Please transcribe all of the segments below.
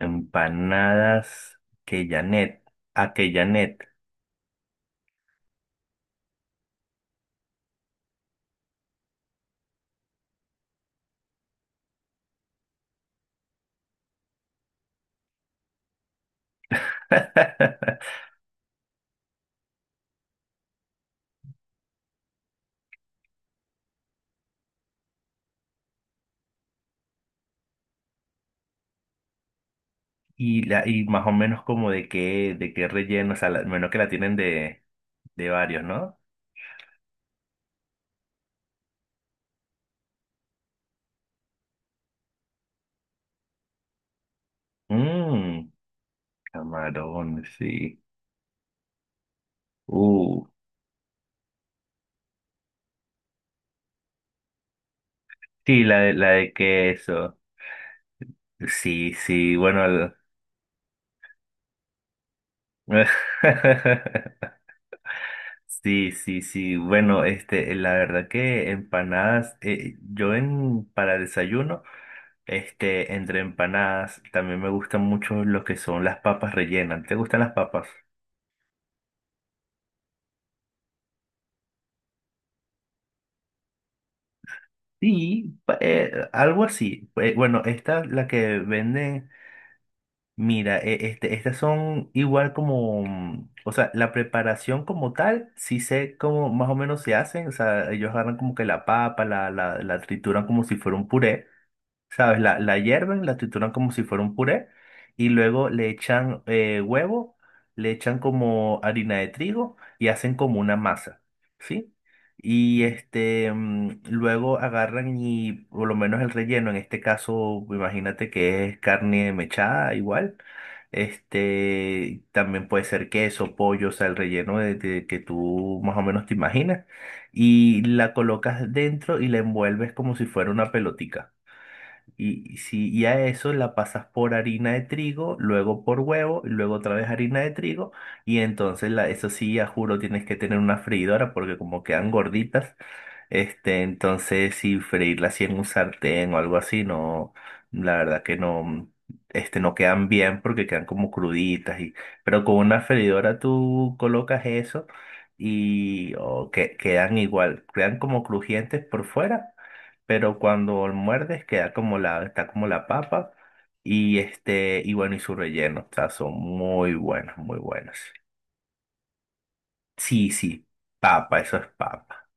Empanadas que Janet, a que Janet. Y, la, y más o menos como de qué relleno, o sea, la- menos que la tienen de varios, ¿no? Mmm, camarón, sí. Uh, sí, la de queso. Sí, sí, bueno. el- Sí, sí, sí. Bueno, la verdad que empanadas, yo en para desayuno, entre empanadas, también me gustan mucho lo que son las papas rellenas. ¿Te gustan las papas? Sí, pa- algo así. Bueno, esta, la que venden, mira, estas son igual como, o sea, la preparación como tal, sí sé cómo más o menos se hacen. O sea, ellos agarran como que la papa, la trituran como si fuera un puré. ¿Sabes? La hierven, la trituran como si fuera un puré y luego le echan huevo, le echan como harina de trigo y hacen como una masa, ¿sí? Y luego agarran y por lo menos el relleno, en este caso, imagínate que es carne mechada igual. También puede ser queso, pollo, o sea, el relleno de que tú más o menos te imaginas. Y la colocas dentro y la envuelves como si fuera una pelotica. Y si y a eso la pasas por harina de trigo, luego por huevo, y luego otra vez harina de trigo, y entonces la, eso sí, ya juro, tienes que tener una freidora porque como quedan gorditas, entonces, si freírla así en un sartén o algo así, no, la verdad que no, no quedan bien porque quedan como cruditas y, pero con una freidora tú colocas eso y quedan igual, quedan como crujientes por fuera, pero cuando muerdes queda como la, está como la papa y y bueno, y su relleno, o sea, son muy buenas, muy buenas. Sí, sí, papa, eso es papa.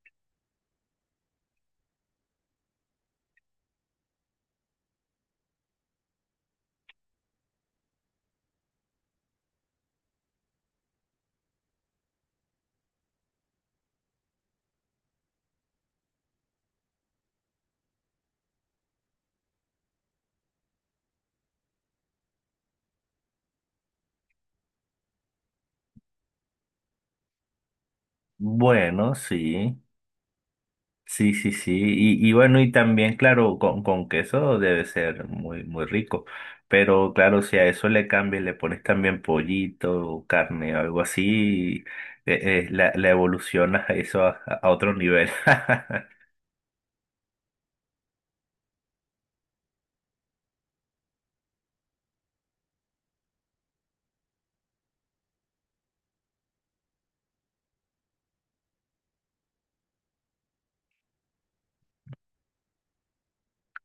Bueno, sí. Sí, sí, sí. Y bueno, y también, claro, con queso debe ser muy, muy rico. Pero claro, si a eso le cambias, le pones también pollito, o carne o algo así, la, la evolucionas a eso a otro nivel.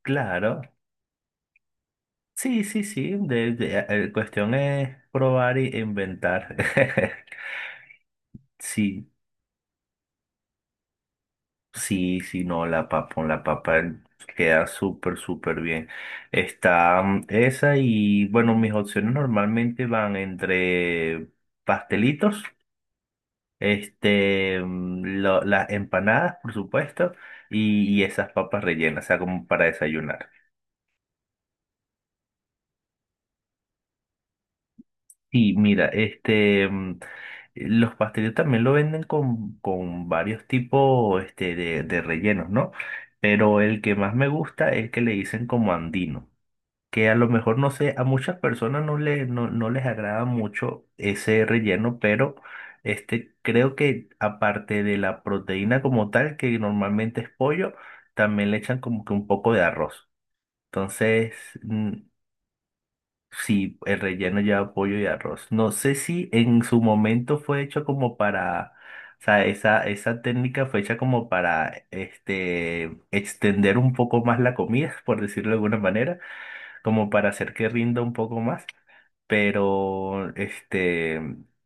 Claro. Sí, sí, sí. De- cuestión es probar e inventar. Sí. Sí, sí, no, la papa, con la papa queda súper, súper bien. Está esa y bueno, mis opciones normalmente van entre pastelitos, lo- las empanadas, por supuesto, y esas papas rellenas, o sea, como para desayunar. Y mira, los pastelitos también lo venden con varios tipos, de rellenos, ¿no? Pero el que más me gusta es el que le dicen como andino. Que a lo mejor no sé, a muchas personas no, le, no, no les agrada mucho ese relleno, pero creo que aparte de la proteína como tal, que normalmente es pollo, también le echan como que un poco de arroz. Entonces, mm, sí, el relleno lleva pollo y arroz. No sé si en su momento fue hecho como para... O sea, esa técnica fue hecha como para extender un poco más la comida, por decirlo de alguna manera como para hacer que rinda un poco más, pero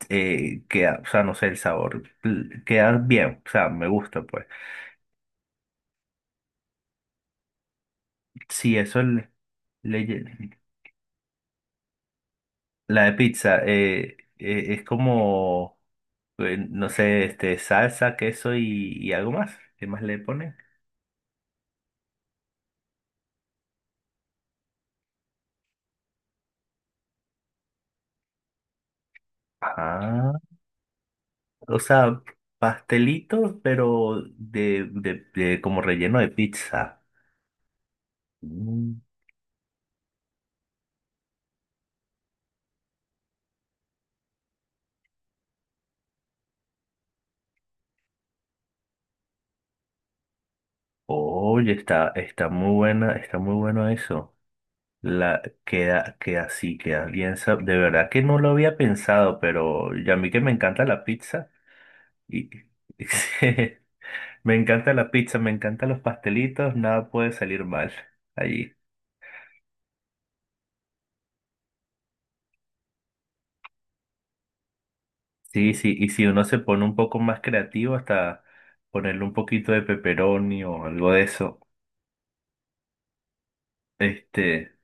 queda, o sea, no sé, el sabor l- queda bien, o sea, me gusta, pues. Sí, eso le, le lle- la de pizza es como, no sé, salsa, queso y algo más. ¿Qué más le ponen? Ah, o sea, pastelitos, pero de como relleno de pizza. Mm. Oye, está, está muy buena, está muy bueno eso. La queda, queda así, queda bien. Sab- De verdad que no lo había pensado, pero ya a mí que me encanta la pizza y sí, me encanta la pizza, me encantan los pastelitos, nada puede salir mal allí. Sí, sí, y si uno se pone un poco más creativo, hasta ponerle un poquito de pepperoni o algo de eso. Este.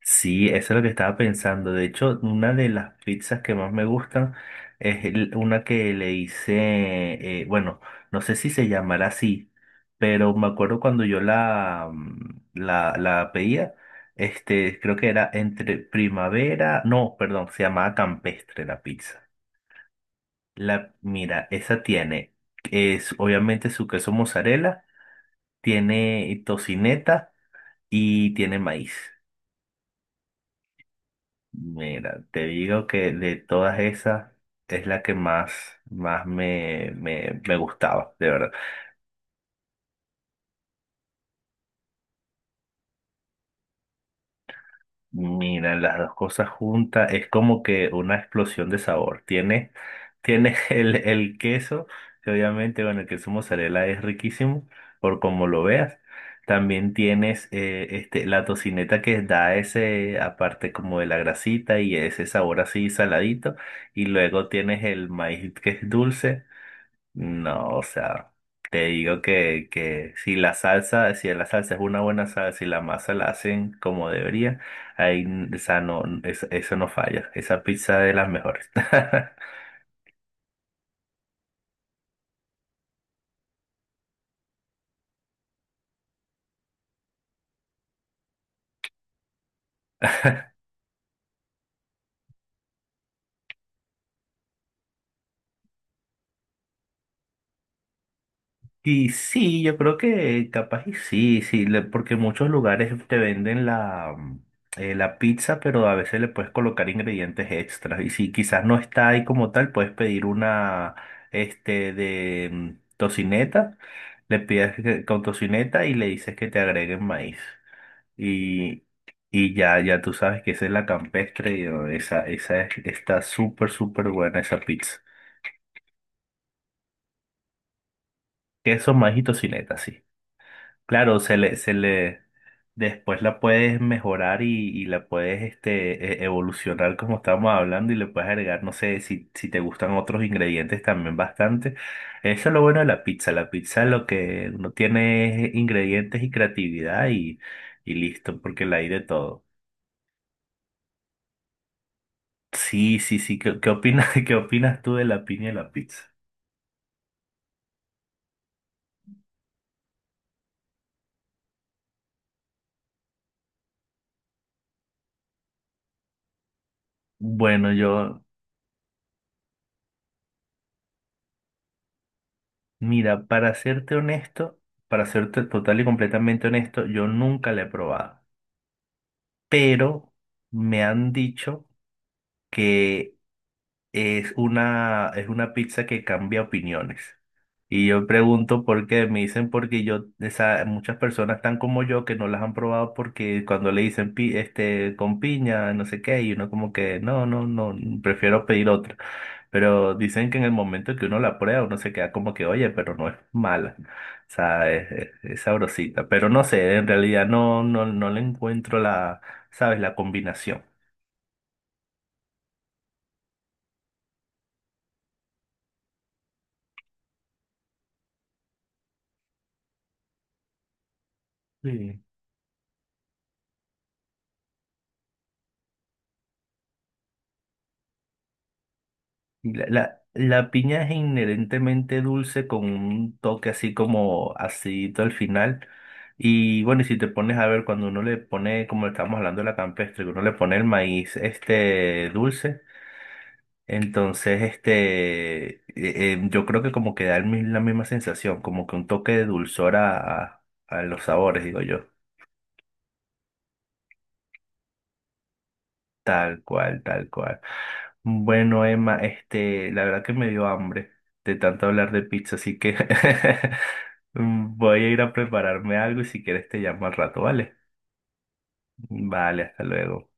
Sí, eso es lo que estaba pensando. De hecho, una de las pizzas que más me gustan es el- una que le hice, bueno, no sé si se llamará así, pero me acuerdo cuando yo la, la, la pedía, creo que era entre primavera, no, perdón, se llamaba campestre la pizza. La, mira, esa tiene, es obviamente su queso mozzarella, tiene tocineta y tiene maíz. Mira, te digo que de todas esas es la que más, más me, me, me gustaba, de verdad. Mira, las dos cosas juntas es como que una explosión de sabor. Tiene, tiene el queso, que obviamente, bueno, el queso mozzarella es riquísimo, por como lo veas. También tienes la tocineta que da ese, aparte como de la grasita y ese sabor así saladito. Y luego tienes el maíz que es dulce. No, o sea, te digo que si la salsa, si la salsa es una buena salsa y la masa la hacen como debería, ahí, n- o sea, no, es- eso no falla. Esa pizza es de las mejores. Y sí, yo creo que capaz y sí, sí, le- porque muchos lugares te venden la, la pizza, pero a veces le puedes colocar ingredientes extras. Y si quizás no está ahí como tal, puedes pedir una este de mm, tocineta, le pides que- con tocineta y le dices que te agreguen maíz. Y, y ya, ya tú sabes que esa es la campestre, y, oh, esa es- está súper, súper buena esa pizza. Queso, maíz y tocineta, sí. Claro, se le, después la puedes mejorar y la puedes e- evolucionar como estábamos hablando y le puedes agregar, no sé, si, si te gustan otros ingredientes también bastante. Eso es lo bueno de la pizza. La pizza lo que uno tiene es ingredientes y creatividad y listo, porque la hay de todo. Sí, sí, sí. ¿Qué, qué opinas, qué opinas tú de la piña y la pizza? Bueno, yo, mira, para serte honesto, para serte total y completamente honesto, yo nunca la he probado. Pero me han dicho que es una pizza que cambia opiniones. Y yo pregunto por qué, me dicen porque yo, esa, muchas personas están como yo que no las han probado porque cuando le dicen pi- con piña, no sé qué, y uno como que no, no, no, prefiero pedir otra. Pero dicen que en el momento que uno la prueba, uno se queda como que, oye, pero no es mala. O sea, es sabrosita. Pero no sé, en realidad no, no, no le encuentro la, ¿sabes? La combinación. Sí. La piña es inherentemente dulce con un toque así como acidito al final. Y bueno, y si te pones a ver, cuando uno le pone, como estábamos hablando de la campestre, que uno le pone el maíz este dulce, entonces yo creo que como que da el mi- la misma sensación, como que un toque de dulzor a los sabores, digo yo. Tal cual, tal cual. Bueno, Emma, la verdad que me dio hambre de tanto hablar de pizza, así que voy a ir a prepararme algo y si quieres te llamo al rato, ¿vale? Vale, hasta luego.